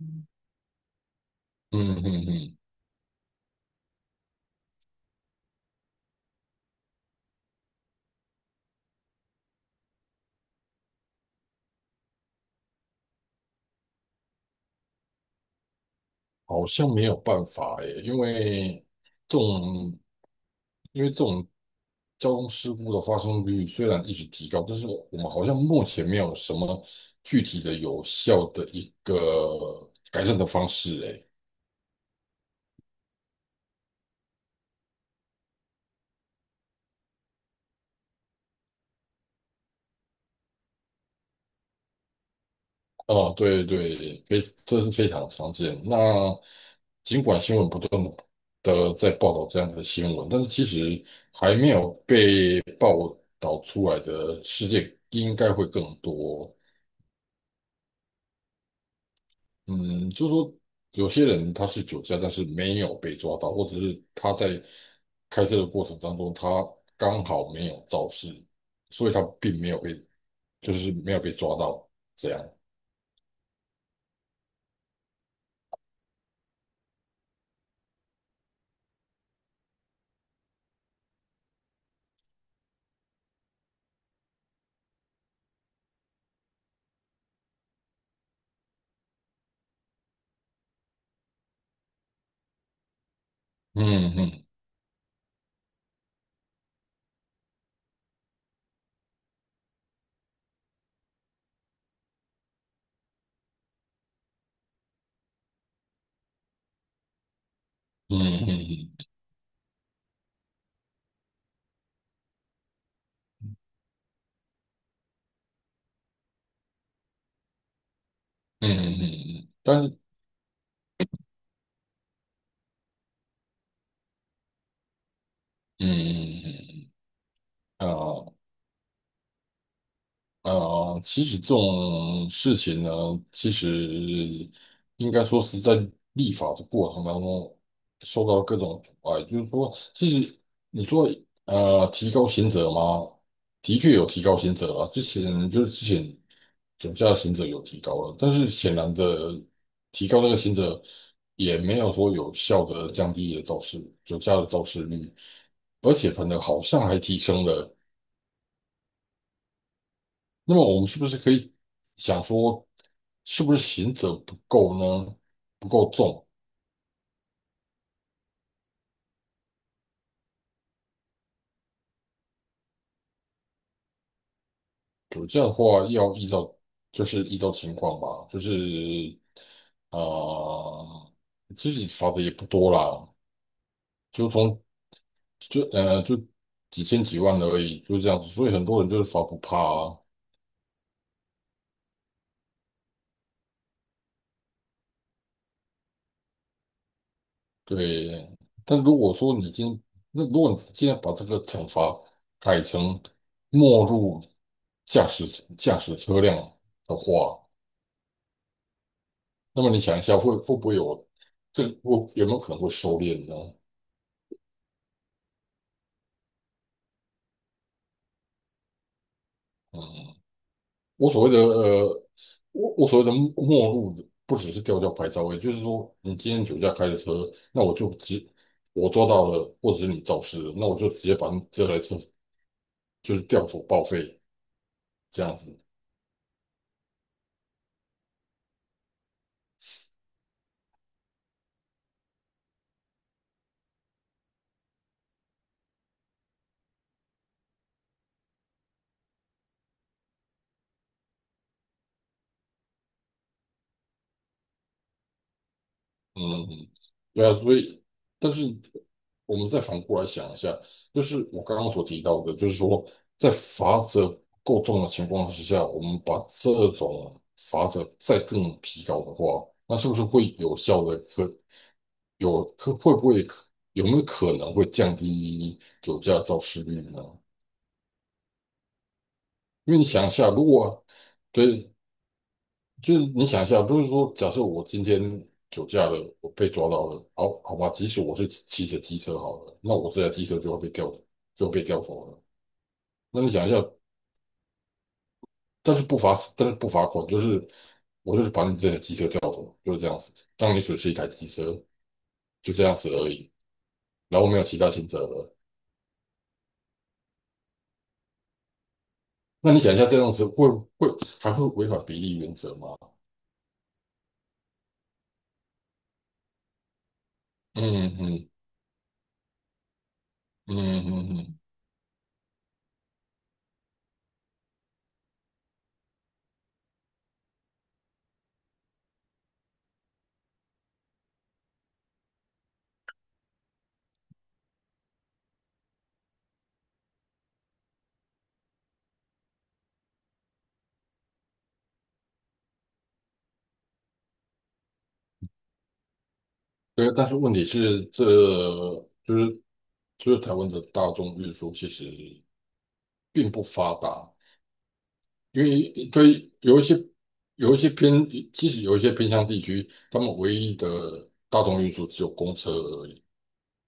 嗯嗯嗯，好像没有办法诶，因为这种这种交通事故的发生率虽然一直提高，但是我们好像目前没有什么具体的有效的一个改善的方式诶。哦，对对，非这是非常常见。那尽管新闻不断的在报道这样的新闻，但是其实还没有被报道出来的事件应该会更多。嗯，就是说有些人他是酒驾，但是没有被抓到，或者是他在开车的过程当中，他刚好没有肇事，所以他并没有被，就是没有被抓到这样。嗯嗯嗯嗯嗯嗯嗯，嗯但是嗯嗯嗯啊。其实这种事情呢，其实应该说是在立法的过程当中受到各种阻碍。就是说，其实你说提高刑责吗？的确有提高刑责啊，之前刑责有提高了，但是显然的提高那个刑责也没有说有效的降低了酒驾的肇事率，而且反而好像还提升了。那么我们是不是可以想说，是不是刑责不够呢？不够重？对，这样的话要依照情况吧，就是啊、呃，其实罚的也不多啦，就从就几千几万而已，就这样子。所以很多人就是罚不怕啊，对。但如果说你今那如果你今天把这个惩罚改成没入驾驶驾驶车辆的话，那么你想一下，会会不会有这个会有没有可能会收敛呢？嗯，我所谓的呃，我我所谓的末路，不只是吊销牌照，也就是说，你今天酒驾开的车，那我就直我抓到了，或者是你肇事了，那我就直接把你这台车就是吊走报废这样子。嗯嗯，对啊，所以，但是我们再反过来想一下，就是我刚刚所提到的，就是说，在罚则不够重的情况之下，我们把这种罚则再更提高的话，那是不是会有效的可有可会不会可有没有可能会降低酒驾肇事率呢？因为你想一下，对，就是你想一下，不是说假设我今天酒驾了，我被抓到了，好好吧，即使我是骑着机车好了，那我这台机车就会被吊走了。那你想一下，但是不罚款，就是我就是把你这台机车吊走，就是这样子，让你损失一台机车，就这样子而已，然后没有其他刑责了。那你想一下，这样子会还会违反比例原则吗？嗯嗯嗯嗯嗯，对，但是问题是这。就是。就是台湾的大众运输其实并不发达，因为对于有一些有一些偏，其实有一些偏乡地区，他们唯一的大众运输只有公车而已。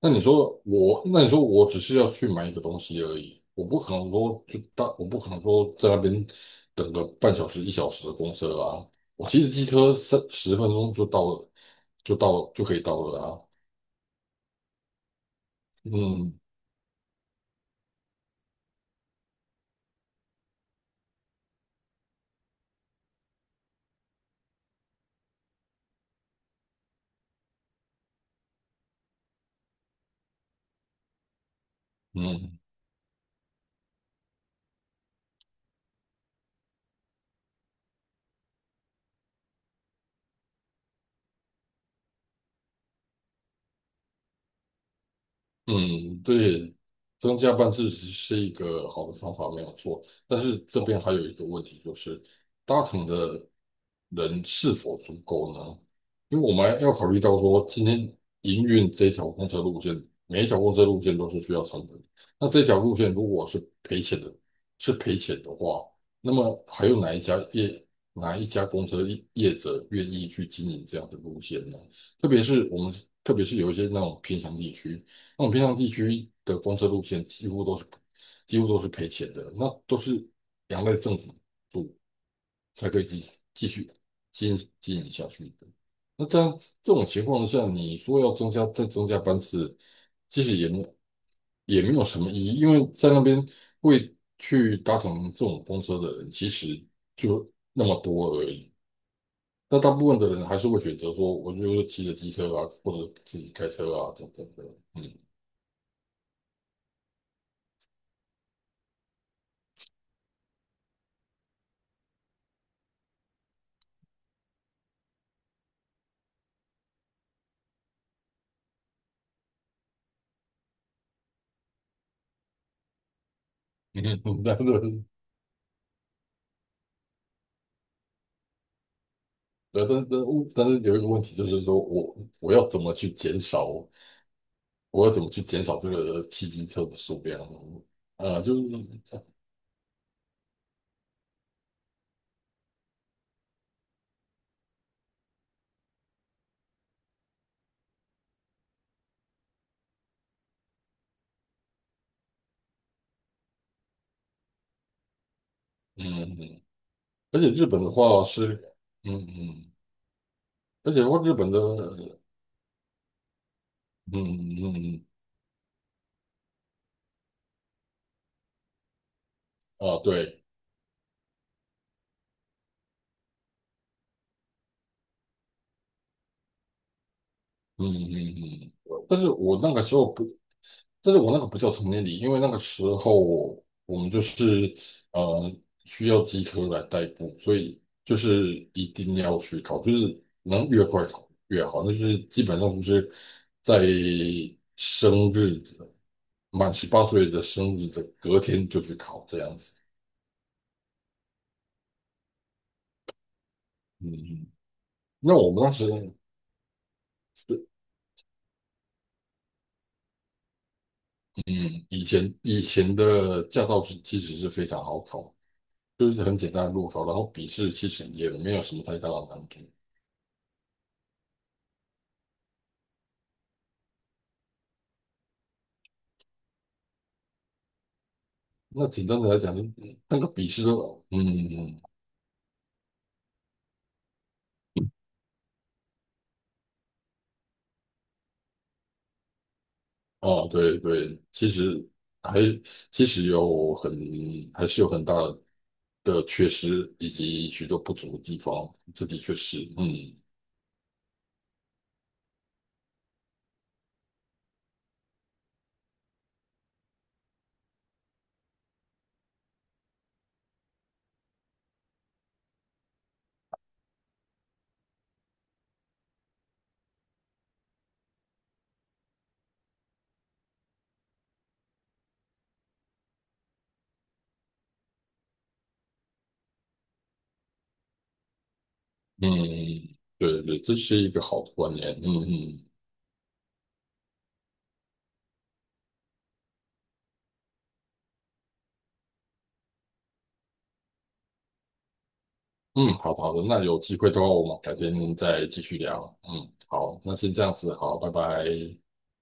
那你说我只是要去买一个东西而已，我不可能说在那边等个半小时、1小时的公车啊。我骑着机车30分钟就到了，就可以到了啊。嗯嗯。嗯，对，增加班次是一个好的方法，没有错。但是这边还有一个问题，就是搭乘的人是否足够呢？因为我们要考虑到说，今天营运这条公车路线，每一条公车路线都是需要成本的。那这条路线如果是赔钱的，是赔钱的话，那么还有哪一家公车业者愿意去经营这样的路线呢？特别是我们，特别是有一些那种偏乡地区。那种偏向地区的公车路线几乎都是赔钱的，那都是两赖政府补才可以继续经营下去的。那这样这种情况下，你说要增加再增加班次，其实也没有什么意义，因为在那边会去搭乘这种公车的人，其实就那么多而已。那大部分的人还是会选择说，我就骑着机车啊，或者自己开车啊，等等的。嗯，嗯，那对，但是有一个问题就是说我要怎么去减少这个汽机车的数量呃，啊就是嗯嗯，而且日本的话是嗯嗯，而且的话日本的嗯嗯嗯嗯啊对，嗯但是我那个时候不。但是我那个不叫成年礼，因为那个时候我们就是呃需要机车来代步，所以就是一定要去考，就是能越快考越好。那就是基本上就是在生日的满18岁的生日的隔天就去考这样子。嗯，那我们当时嗯以前的驾照其实是非常好考，就是很简单的路考，然后笔试其实也没有什么太大的难度。那简单的来讲，那个笔试都，嗯，嗯哦，对对，还其实还是有很大的缺失，以及许多不足的地方，这的确是，嗯嗯，对对，这是一个好的观念，嗯嗯嗯，好的好的，那有机会的话，我们改天再继续聊，嗯，好，那先这样子，好，拜拜。